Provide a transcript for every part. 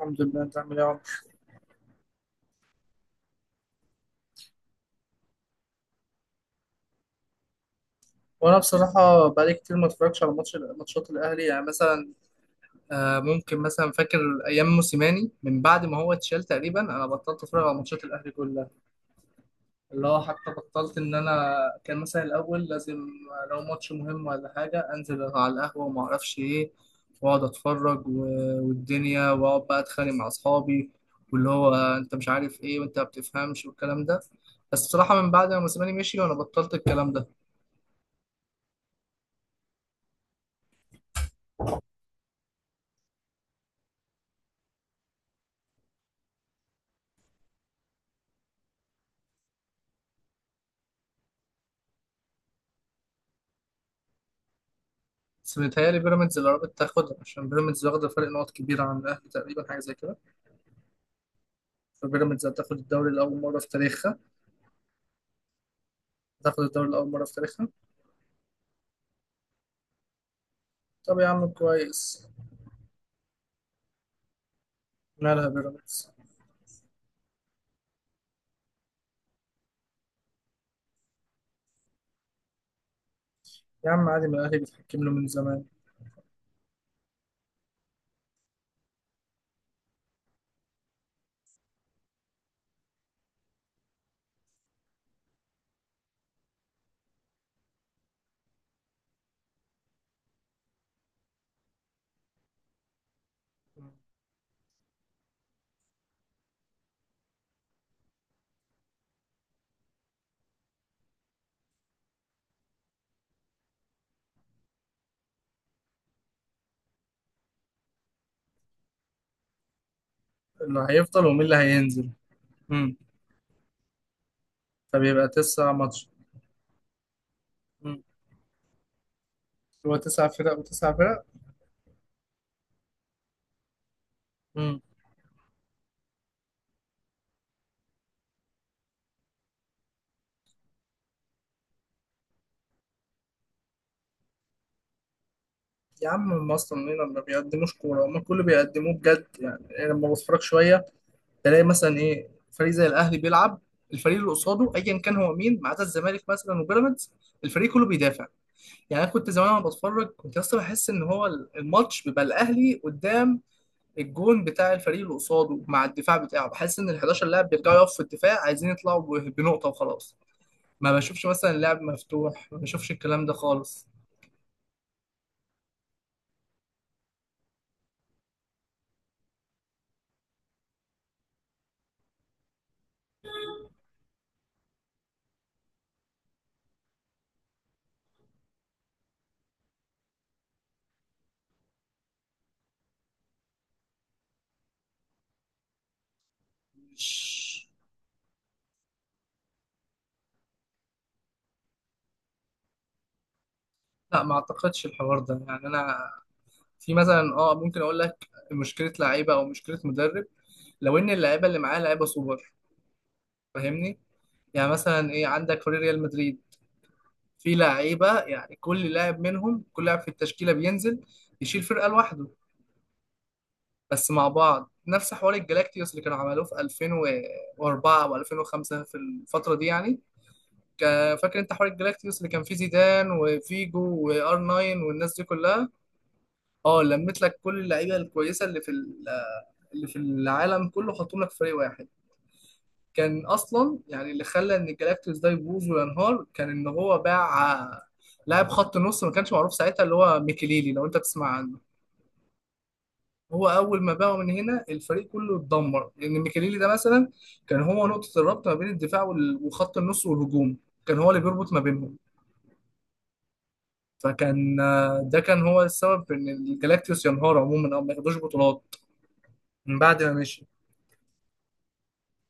الحمد لله. انت عامل ايه يا عمر؟ وانا بصراحه بقالي كتير ما اتفرجش على ماتشات الاهلي، يعني مثلا ممكن مثلا فاكر ايام موسيماني. من بعد ما هو اتشال تقريبا انا بطلت اتفرج على ماتشات الاهلي كلها، اللي هو حتى بطلت ان انا كان مثلا الاول لازم، لو ماتش مهم ولا حاجه انزل على القهوه وما اعرفش ايه، واقعد اتفرج والدنيا، واقعد بقى اتخانق مع اصحابي، واللي هو انت مش عارف ايه وانت ما بتفهمش والكلام ده. بس بصراحه من بعد ما موسيماني مشي وانا بطلت الكلام ده. بس متهيألي بيراميدز اللي قربت تاخدها، عشان بيراميدز واخدة فرق نقط كبيرة عن الأهلي، تقريبا حاجة زي كده. فبيراميدز هتاخد الدوري لأول مرة في تاريخها، هتاخد الدوري لأول مرة في تاريخها. طب يا عم كويس، مالها بيراميدز. يا عم عادي، ما الأهلي بيتحكم له من زمان. اللي هيفضل ومين اللي هينزل. مم. فبيبقى تسع ماتش. مم. هو تسع فرق وتسع فرق. مم. يا عم هم أصلا هنا ما بيقدموش كورة، هم كله بيقدموه بجد. يعني أنا لما بتفرج شوية تلاقي مثلا ايه فريق زي الاهلي بيلعب، الفريق اللي قصاده ايا كان هو مين ما عدا الزمالك مثلا وبيراميدز، الفريق كله بيدافع. يعني انا كنت زمان وانا بتفرج كنت اصلا بحس ان هو الماتش بيبقى الاهلي قدام الجون بتاع الفريق اللي قصاده مع الدفاع بتاعه، بحس ان ال 11 لاعب بيرجعوا يقفوا في الدفاع عايزين يطلعوا بنقطه وخلاص. ما بشوفش مثلا لعب مفتوح، ما بشوفش الكلام ده خالص. مش لا، ما اعتقدش الحوار ده. يعني انا في مثلا اه ممكن اقول لك مشكله لعيبه او مشكله مدرب، لو ان اللعيبه اللي معاه لعيبه سوبر. فاهمني؟ يعني مثلا ايه، عندك فريق ريال مدريد في لعيبه، يعني كل لاعب منهم، كل لاعب في التشكيله بينزل يشيل فرقه لوحده، بس مع بعض. نفس حوار الجلاكتيوس اللي كانوا عملوه في 2004 او 2005، في الفتره دي يعني. فاكر انت حوار الجلاكتيوس اللي كان فيه زيدان وفيجو وار 9 والناس دي كلها؟ اه، لميت لك كل اللعيبه الكويسه اللي في العالم كله، حطهم لك في فريق واحد. كان اصلا يعني اللي خلى ان الجلاكتيوس ده يبوظ وينهار كان ان هو باع لاعب خط نص ما كانش معروف ساعتها، اللي هو ميكيليلي، لو انت تسمع عنه. هو اول ما باعه من هنا الفريق كله اتدمر، لان ميكيليلي ده مثلا كان هو نقطة الربط ما بين الدفاع وخط النص والهجوم، كان هو اللي بيربط ما بينهم. فكان ده كان هو السبب في ان الجلاكتيوس ينهار عموما او ما ياخدوش بطولات من بعد ما مشي.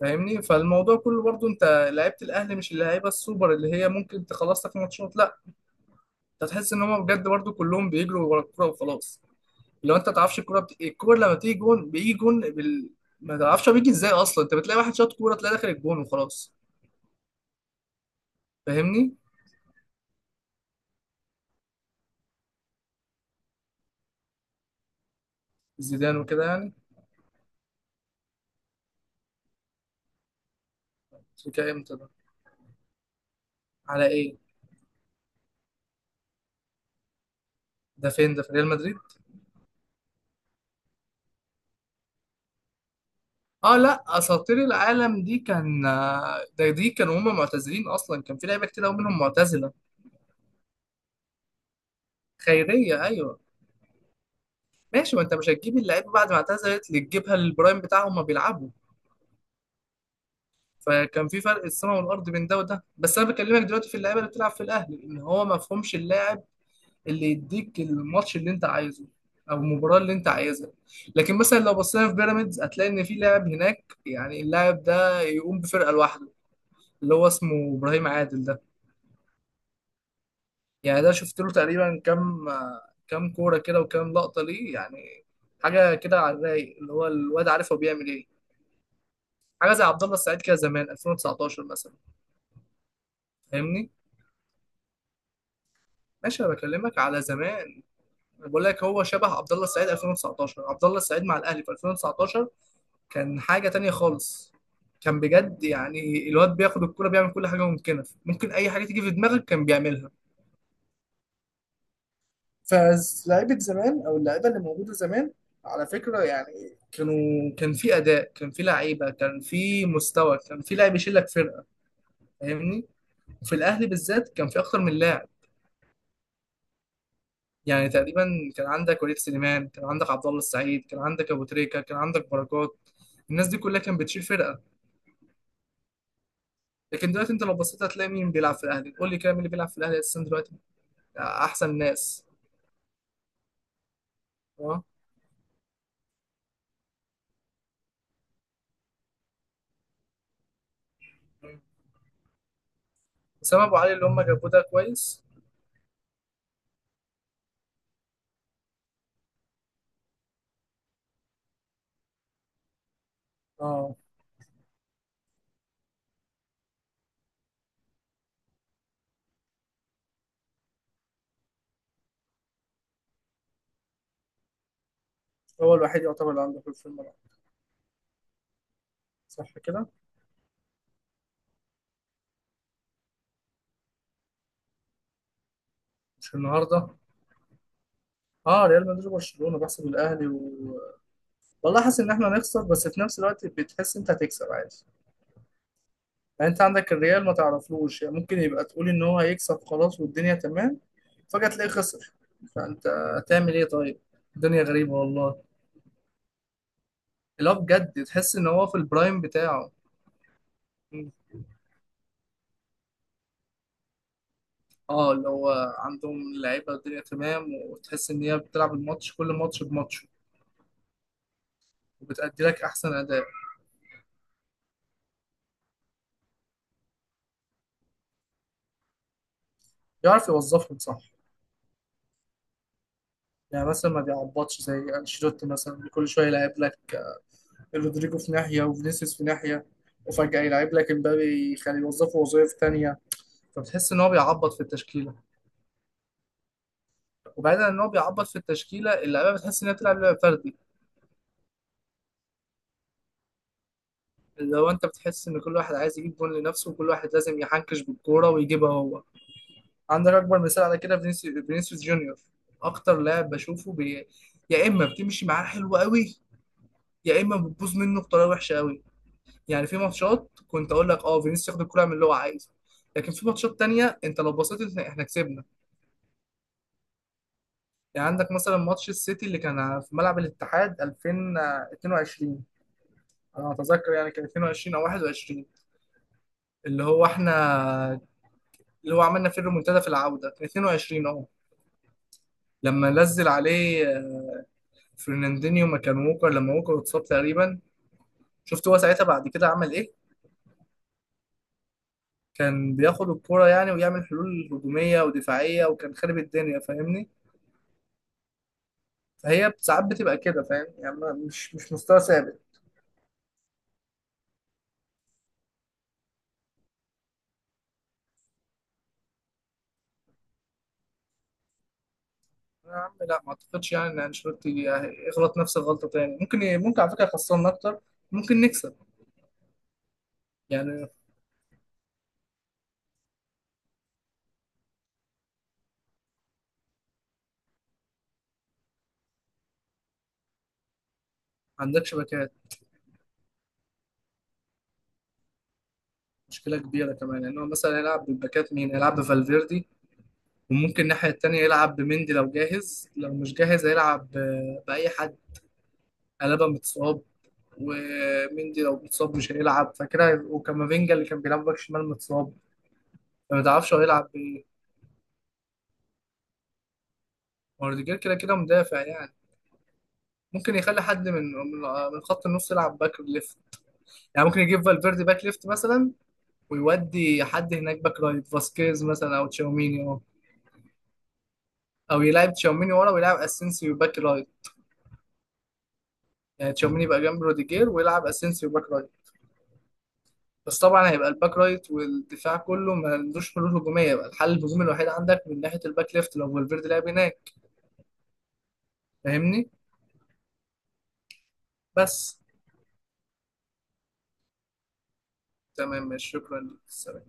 فاهمني؟ فالموضوع كله برضو، انت لعيبه الاهلي مش اللعيبه السوبر اللي هي ممكن تخلص لك ماتشات، لا. انت تحس ان هم بجد برضو كلهم بيجروا ورا الكوره وخلاص. لو انت ما تعرفش الكوره بت... الكوره لما بتيجي جون بيجي جون بال... ما تعرفش هو بيجي ازاي اصلا. انت بتلاقي واحد شاط كوره تلاقي داخل الجون وخلاص. فاهمني؟ زيدان وكده يعني. شركه امتى ده، على ايه؟ ده فين، ده في ريال مدريد؟ اه لا، اساطير العالم دي كان، ده دي كانوا هم معتزلين اصلا، كان في لعيبه كتير قوي منهم معتزله. خيريه ايوه. ماشي ما انت مش هتجيب اللعيبه بعد ما اعتزلت، اللي تجيبها للبرايم بتاعهم ما بيلعبوا. فكان في فرق السماء والارض بين ده وده. بس انا بكلمك دلوقتي في اللعيبه اللي بتلعب في الاهلي ان هو ما فهمش اللاعب اللي يديك الماتش اللي انت عايزه او المباراه اللي انت عايزها. لكن مثلا لو بصينا في بيراميدز هتلاقي ان في لاعب هناك، يعني اللاعب ده يقوم بفرقه لوحده، اللي هو اسمه ابراهيم عادل ده. يعني ده شفت له تقريبا كام كام كوره كده وكام لقطه ليه، يعني حاجه كده على الرايق، اللي هو الواد عارف هو بيعمل ايه. حاجه زي عبد الله السعيد كده زمان 2019 مثلا. فاهمني؟ ماشي انا بكلمك على زمان، بقول لك هو شبه عبد الله السعيد 2019. عبد الله السعيد مع الاهلي في 2019 كان حاجه تانية خالص. كان بجد يعني الواد بياخد الكوره، بيعمل كل حاجه ممكنه، ممكن اي حاجه تيجي في دماغك كان بيعملها. فلاعيبه زمان او اللعيبه اللي موجوده زمان، على فكره يعني كانوا، كان في اداء، كان في لعيبه، كان في مستوى، كان في لاعب يشيل لك فرقه. فاهمني؟ وفي الاهلي بالذات كان في اكتر من لاعب، يعني تقريبا كان عندك وليد سليمان، كان عندك عبد الله السعيد، كان عندك ابو تريكه، كان عندك بركات، الناس دي كلها كانت بتشيل فرقه. لكن دلوقتي انت لو بصيت هتلاقي مين بيلعب في الاهلي؟ قول لي كده مين اللي بيلعب في الاهلي اساسا دلوقتي؟ احسن ناس اه اسامه ابو علي اللي هم جابوه ده كويس. اه هو الوحيد يعتبر اللي عنده في الملعب. صح كده؟ مش النهارده. اه ريال مدريد وبرشلونه بحسب الاهلي و... والله حاسس ان احنا هنخسر، بس في نفس الوقت بتحس انت هتكسب عادي. يعني انت عندك الريال ما تعرفلوش، يعني ممكن يبقى تقول ان هو هيكسب خلاص والدنيا تمام، فجأة تلاقيه خسر. فانت هتعمل ايه طيب؟ الدنيا غريبة والله. لا بجد تحس ان هو في البرايم بتاعه. مم. اه اللي هو عندهم لعيبة الدنيا تمام، وتحس ان هي بتلعب الماتش كل ماتش بماتشه، وبتأدي لك احسن اداء. يعرف يوظفهم صح. يعني مثلا ما بيعبطش زي انشيلوتي مثلا، اللي كل شويه يلعب لك رودريجو في ناحيه وفينيسيوس في ناحيه، وفجاه يلعب لك امبابي يخليه يوظفه وظائف تانية. فبتحس ان هو بيعبط في التشكيله. وبعيدا عن ان هو بيعبط في التشكيله، اللعيبه بتحس انها بتلعب لعب فردي، اللي هو انت بتحس ان كل واحد عايز يجيب جون لنفسه، وكل واحد لازم يحنكش بالكوره ويجيبها هو. عندك اكبر مثال على كده فينيسيوس، فينيسيوس جونيور. اكتر لاعب بشوفه بي... يا اما بتمشي معاه حلو قوي، يا اما بتبوظ منه بطريقه وحشه قوي. يعني في ماتشات كنت اقول لك اه فينيسيوس ياخد الكوره يعمل اللي هو عايزه، لكن في ماتشات تانية انت لو بصيت إحنا كسبنا. يعني عندك مثلا ماتش السيتي اللي كان في ملعب الاتحاد 2022، انا اتذكر يعني كان 22 او 21، اللي هو احنا اللي هو عملنا فيه الريمونتادا في العوده كان 22 اهو. لما نزل عليه فرناندينيو مكان ووكر، لما ووكر اتصاب تقريبا، شفت هو ساعتها بعد كده عمل ايه؟ كان بياخد الكوره يعني ويعمل حلول هجوميه ودفاعيه، وكان خارب الدنيا. فاهمني؟ فهي ساعات بتبقى كده، فاهم؟ يعني مش مستوى ثابت. يا عم لا ما اعتقدش يعني ان انشيلوتي يغلط نفس الغلطه تاني. ممكن، ممكن على فكره يخسرنا اكتر، ممكن نكسب. يعني ما عندكش باكات، مشكلة كبيرة كمان، لأن هو مثلا يلعب بالباكات مين؟ يلعب بفالفيردي، وممكن الناحية التانية يلعب بمندي لو جاهز، لو مش جاهز هيلعب بأي حد. ألابا متصاب، ومندي لو متصاب مش هيلعب، فكده وكامافينجا اللي كان بيلعب باك شمال متصاب. فما تعرفش هو هيلعب بإيه. وروديجير كده كده مدافع يعني. ممكن يخلي حد من من خط النص يلعب باك ليفت، يعني ممكن يجيب فالفيردي باك ليفت مثلا، ويودي حد هناك باك رايت، فاسكيز مثلا أو تشاوميني، أو أو يلعب تشاوميني ورا ويلعب اسينسيو باك رايت. يعني تشاوميني يبقى جنب روديجير ويلعب اسينسيو باك رايت. بس طبعا هيبقى الباك رايت والدفاع كله ما عندوش حلول هجوميه، يبقى الحل الهجومي الوحيد عندك من ناحيه الباك ليفت لو فالفيردي لعب هناك. فاهمني؟ بس. تمام ماشي، شكرا لك، سلام.